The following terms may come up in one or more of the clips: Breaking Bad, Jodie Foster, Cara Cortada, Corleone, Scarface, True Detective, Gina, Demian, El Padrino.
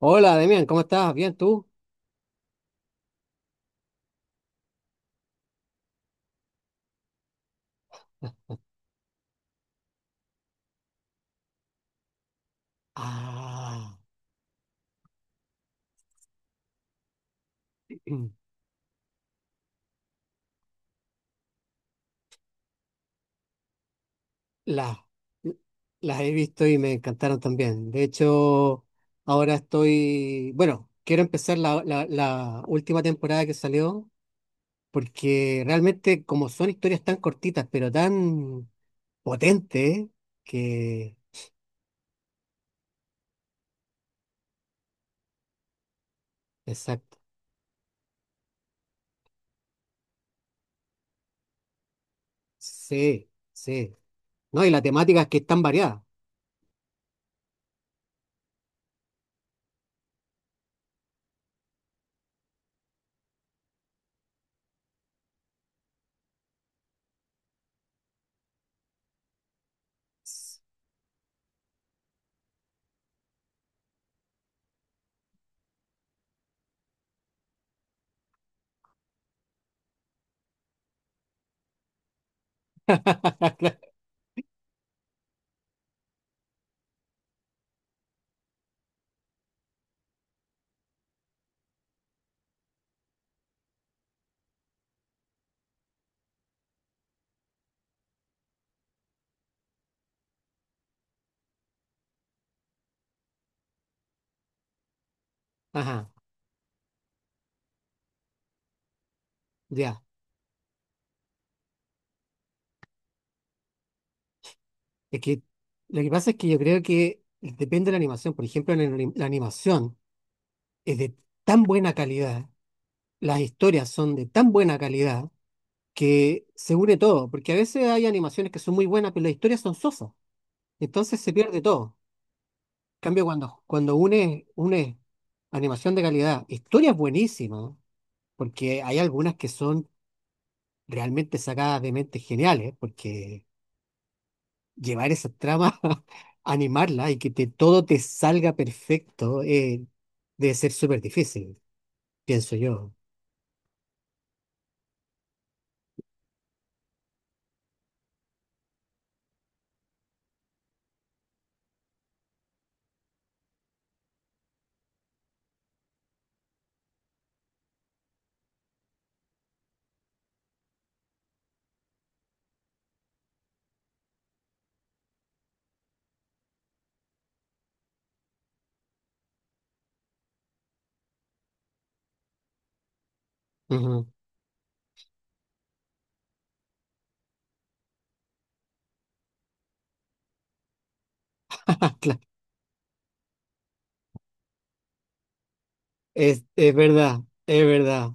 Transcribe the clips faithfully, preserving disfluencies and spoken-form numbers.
Hola, Demian, ¿cómo estás? ¿Bien tú? Ah, las, las he visto y me encantaron también. De hecho, ahora estoy, bueno, quiero empezar la, la- la última temporada que salió, porque realmente como son historias tan cortitas, pero tan potentes, que... Exacto. Sí, sí. No, y la temática es que es tan variada. Ajá, ya. Es que lo que pasa es que yo creo que depende de la animación. Por ejemplo, la, anim- la animación es de tan buena calidad, las historias son de tan buena calidad que se une todo. Porque a veces hay animaciones que son muy buenas, pero las historias son sosas. Entonces se pierde todo. En cambio, cuando, cuando une, une animación de calidad, historias buenísimas, porque hay algunas que son realmente sacadas de mentes geniales, porque llevar esa trama, animarla y que te- todo te salga perfecto, eh, debe ser súper difícil, pienso yo. Ujú. Claro. Es, es verdad, es verdad.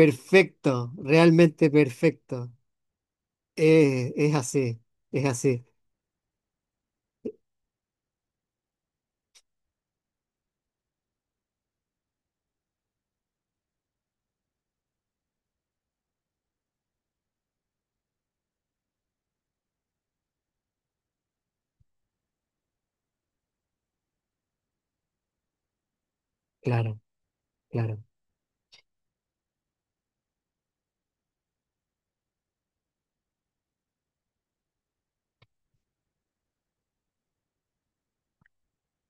Perfecto, realmente perfecto. Eh, es así, es así. Claro, claro.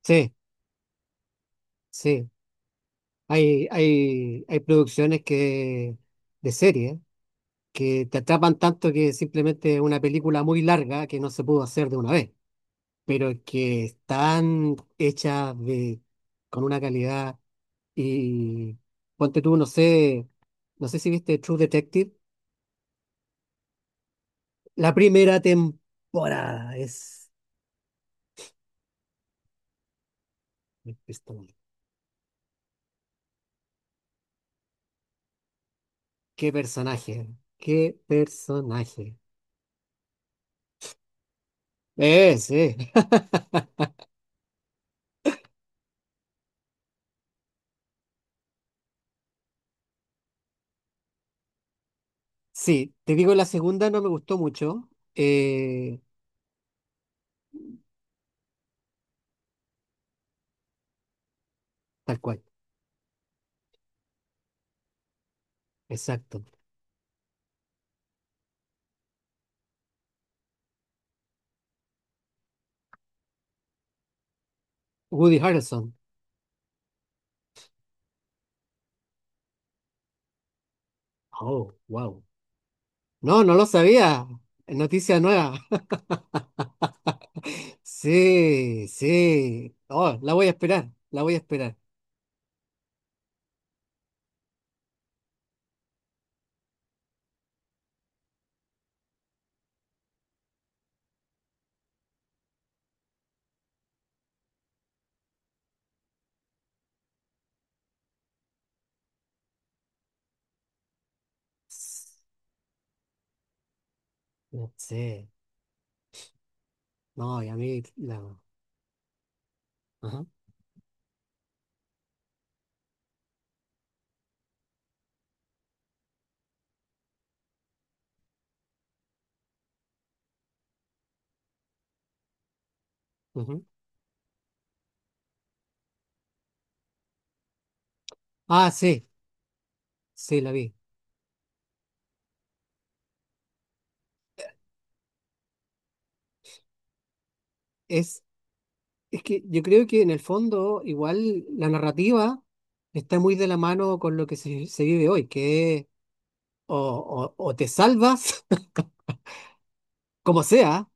Sí, sí. Hay, hay, hay producciones que, de serie que te atrapan tanto que simplemente es una película muy larga que no se pudo hacer de una vez. Pero que están hechas de, con una calidad y ponte tú, no sé, no sé si viste True Detective, la primera temporada es... es. Qué personaje, qué personaje. Eh, sí. Sí, te digo, la segunda no me gustó mucho. eh, Tal cual, exacto. Woody Harrelson. Oh, wow. No, no lo sabía. Noticia nueva. Sí, sí. Oh, la voy a esperar, la voy a esperar. No sé. No, y a mí la... Ajá, ujú. Ah, sí, sí, la vi. Es, es que yo creo que en el fondo igual la narrativa está muy de la mano con lo que se, se vive hoy, que es o, o, o te salvas, como sea,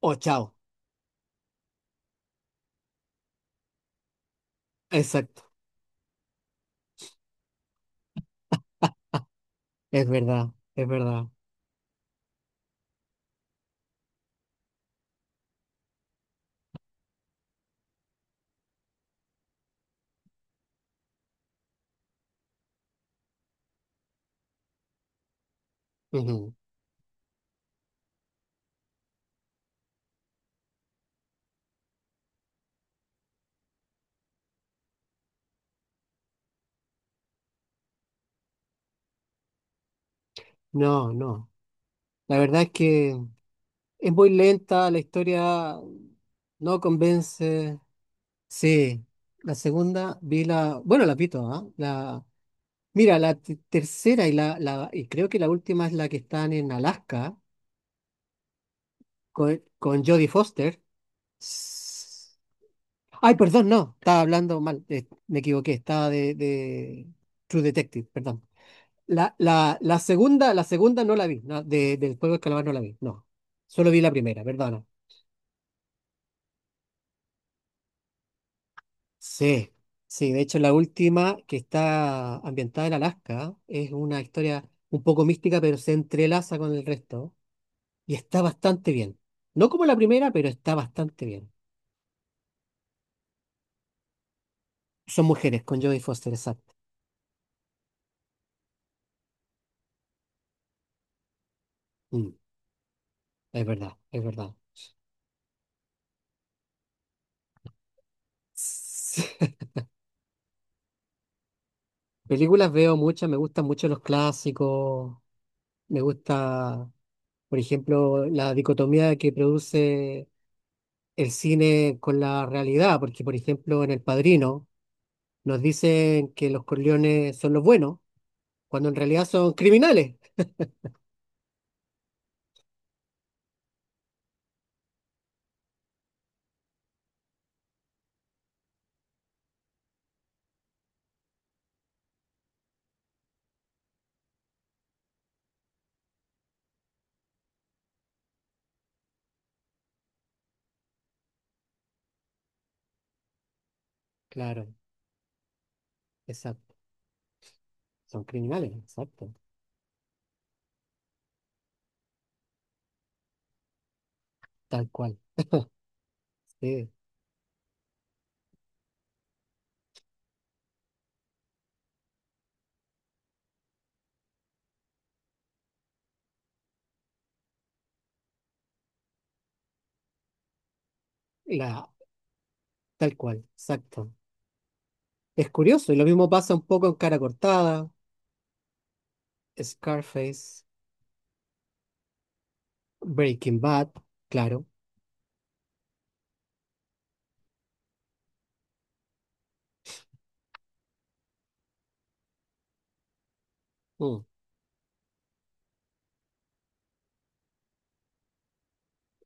o chao. Exacto. Es verdad, es verdad. Ujú. No, no. La verdad es que... Es muy lenta, la historia no convence. Sí, la segunda vi la, bueno, la pito, ¿ah? La, mira, la te- tercera y la, la y creo que la última es la que están en Alaska con, con Jodie Foster. S- Ay, perdón, no, estaba hablando mal, eh, me equivoqué, estaba de, de True Detective, perdón. La, la, la segunda, la segunda no la vi, no, de- del juego de calamar no la vi, no. Solo vi la primera, perdón. Sí, sí, de hecho la última que está ambientada en Alaska es una historia un poco mística, pero se entrelaza con el resto y está bastante bien. No como la primera, pero está bastante bien. Son mujeres con Jodie Foster, exacto. Mm, es verdad, es verdad. Sí. Películas veo muchas, me gustan mucho los clásicos, me gusta, por ejemplo, la dicotomía que produce el cine con la realidad, porque por ejemplo en El Padrino, nos dicen que los Corleones son los buenos, cuando en realidad son criminales. Claro, exacto. Son criminales, exacto. Tal cual. Sí. La, tal cual, exacto. Es curioso, y lo mismo pasa un poco en Cara Cortada, Scarface, Breaking Bad, claro. Mm.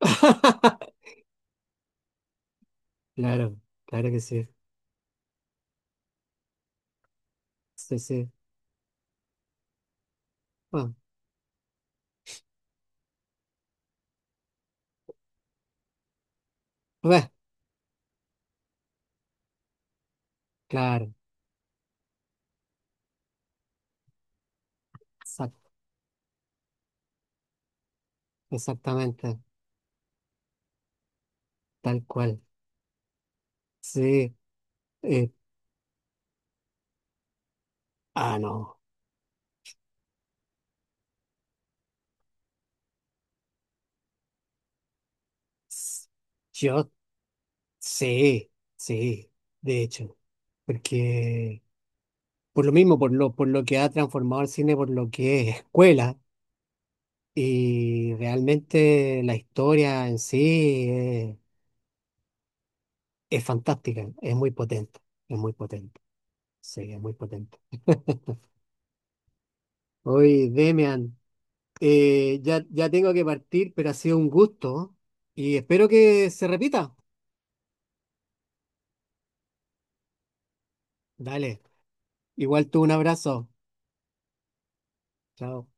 Claro, claro que sí. Sí, sí. Bueno, pues, claro, exact- exactamente, tal cual. Sí. eh, ah, no. S- Yo sí, sí, de hecho, porque por lo mismo, por lo, por lo que ha transformado el cine, por lo que es escuela, y realmente la historia en sí es, es fantástica, es muy potente, es muy potente, sí, es muy potente. Oye, Demian, eh, ya, ya tengo que partir, pero ha sido un gusto y espero que se repita. Dale, igual tú un abrazo, chao.